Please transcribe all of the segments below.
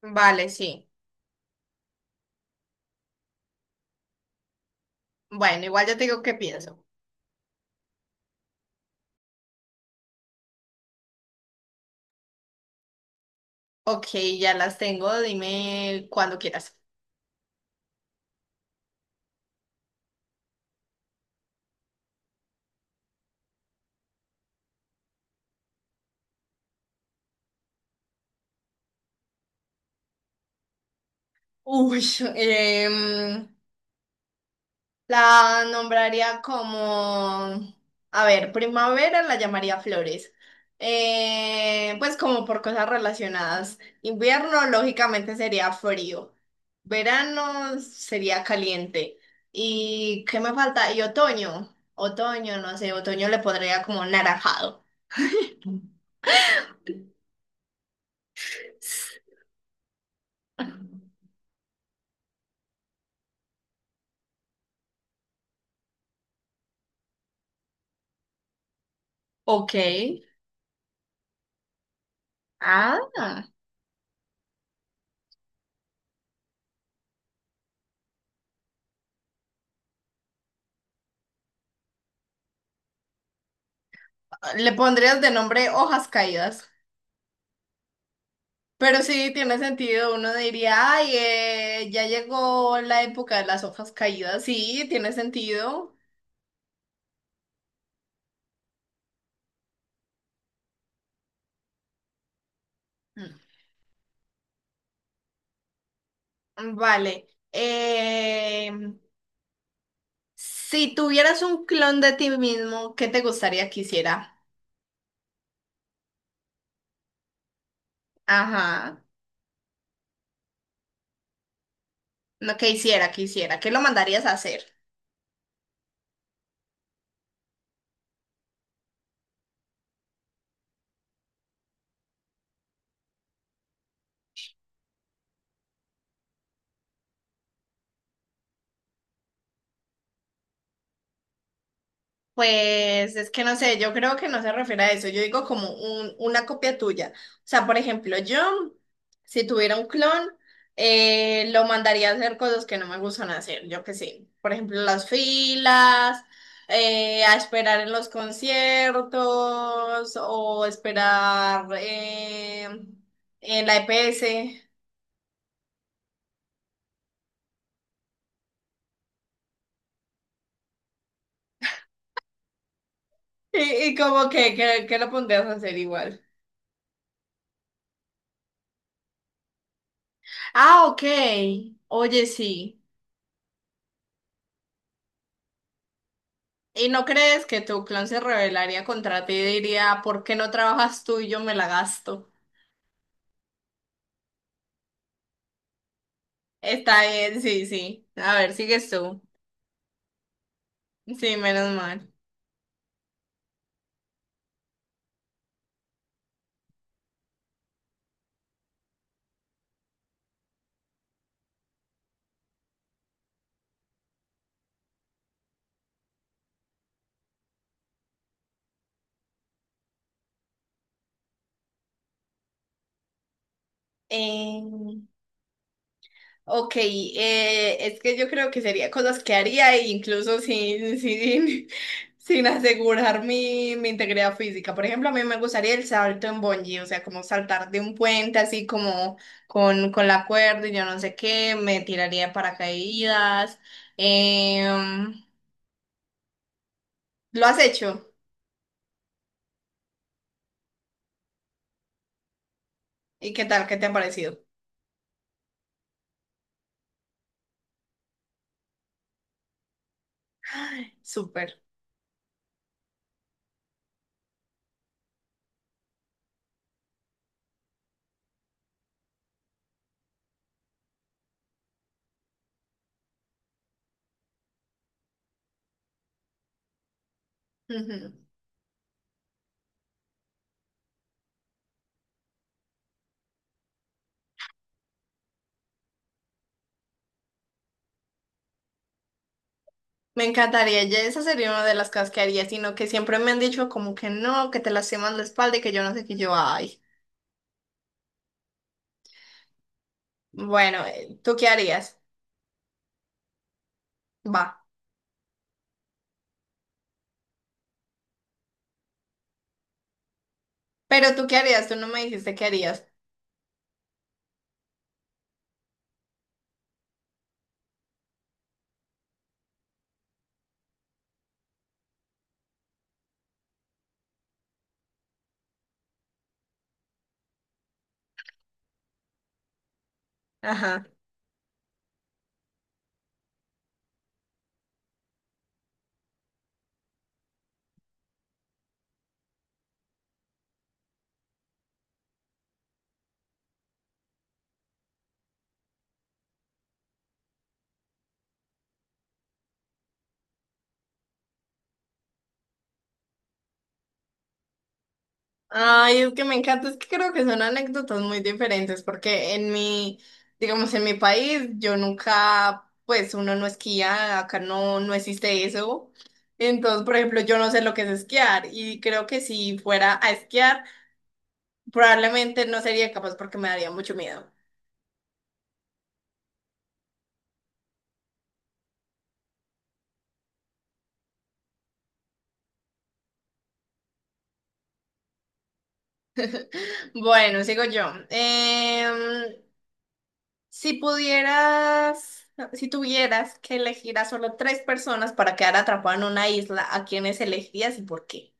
Vale, sí. Bueno, igual ya te digo qué pienso. Ok, ya las tengo, dime cuando quieras. Uy, em, la nombraría como primavera la llamaría flores. Pues como por cosas relacionadas. Invierno, lógicamente, sería frío. Verano sería caliente. ¿Y qué me falta? Y otoño. Otoño, no sé, otoño le pondría como naranjado. Ok. Ah, le pondrías de nombre hojas caídas. Pero sí, tiene sentido. Uno diría, ay, ya llegó la época de las hojas caídas. Sí, tiene sentido. Mm, vale. Si tuvieras un clon de ti mismo, ¿qué te gustaría que hiciera? Ajá. No, que hiciera, que hiciera. ¿Qué lo mandarías a hacer? Pues es que no sé, yo creo que no se refiere a eso, yo digo como una copia tuya. O sea, por ejemplo, yo, si tuviera un clon, lo mandaría a hacer cosas que no me gustan hacer, yo que sé. Por ejemplo, las filas, a esperar en los conciertos o esperar en la EPS. Y, como que, que lo pondrías a hacer igual. Ah, ok. Oye, sí. ¿Y no crees que tu clan se rebelaría contra ti y diría, ¿por qué no trabajas tú y yo me la gasto? Está bien, sí, sí. A ver, sigues tú. Sí, menos mal. Eh, ok, es que yo creo que sería cosas que haría e incluso sin, sin, sin asegurar mi, mi integridad física. Por ejemplo, a mí me gustaría el salto en bungee, o sea, como saltar de un puente así como con la cuerda y yo no sé qué, me tiraría de paracaídas. Em, ¿lo has hecho? ¿Y qué tal? ¿Qué te ha parecido? Ay, súper. Ujú. Me encantaría. Ya esa sería una de las cosas que haría, sino que siempre me han dicho como que no, que te lastimas la espalda y que yo no sé qué yo. Ay. Bueno, ¿tú qué harías? Va. Pero tú qué harías, tú no me dijiste qué harías. Ajá. Ay, es que me encanta, es que creo que son anécdotas muy diferentes, porque en mi, digamos, en mi país, yo nunca, pues uno no esquía, acá no, no existe eso. Entonces, por ejemplo, yo no sé lo que es esquiar y creo que si fuera a esquiar, probablemente no sería capaz porque me daría mucho miedo. Bueno, sigo yo. Em, si pudieras, si tuvieras que elegir a solo tres personas para quedar atrapado en una isla, ¿a quiénes elegirías y por qué?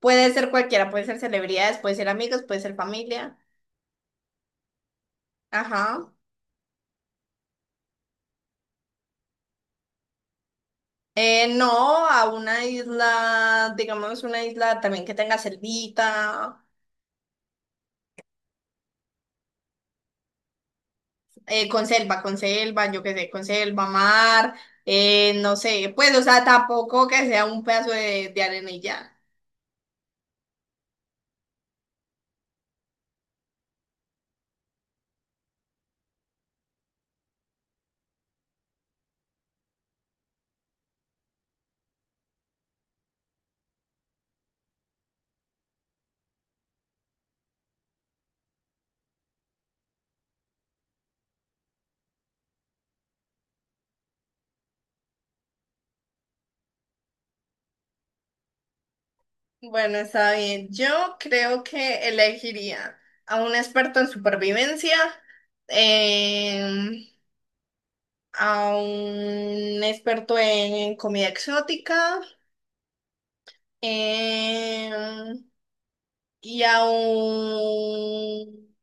Puede ser cualquiera, puede ser celebridades, puede ser amigos, puede ser familia. Ajá. No, a una isla, digamos una isla también que tenga selvita, con selva, yo qué sé, con selva, mar, no sé, pues, o sea, tampoco que sea un pedazo de arena y ya. Bueno, está bien. Yo creo que elegiría a un experto en supervivencia, em, a un experto en comida exótica. Em, y a un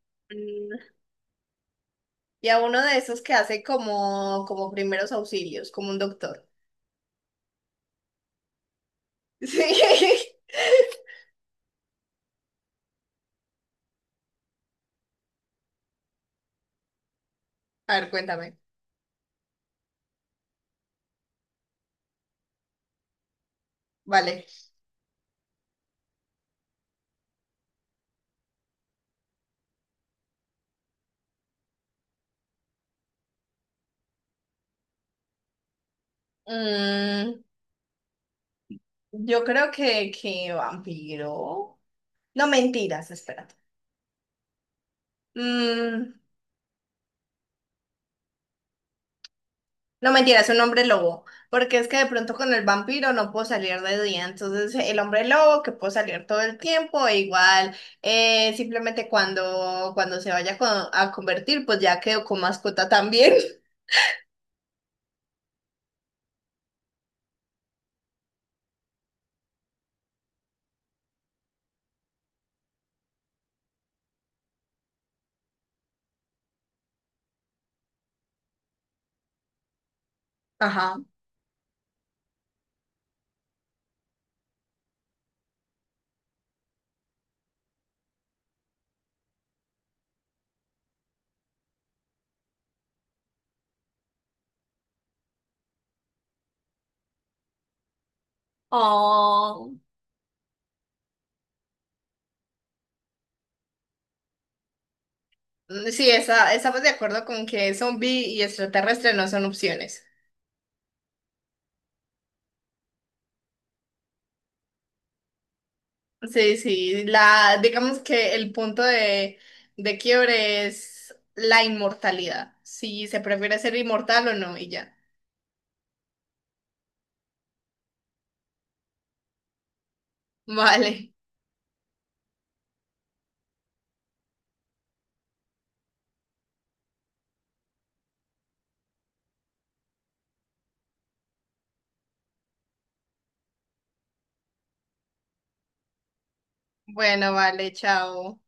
y a uno de esos que hace como, como primeros auxilios, como un doctor. Sí. A ver, cuéntame. Vale. Mm, yo creo que vampiro. No, mentiras, espérate. Mm, no mentira, es un hombre lobo, porque es que de pronto con el vampiro no puedo salir de día, entonces el hombre lobo que puedo salir todo el tiempo, e igual simplemente cuando, cuando a convertir, pues ya quedo con mascota también. Ajá. Oh, mm, sí, esa, estamos de acuerdo con que zombie y extraterrestre no son opciones. Sí, sí, la, digamos que el punto de quiebre es la inmortalidad, si se prefiere ser inmortal o no, y ya. Vale. Bueno, vale, chao.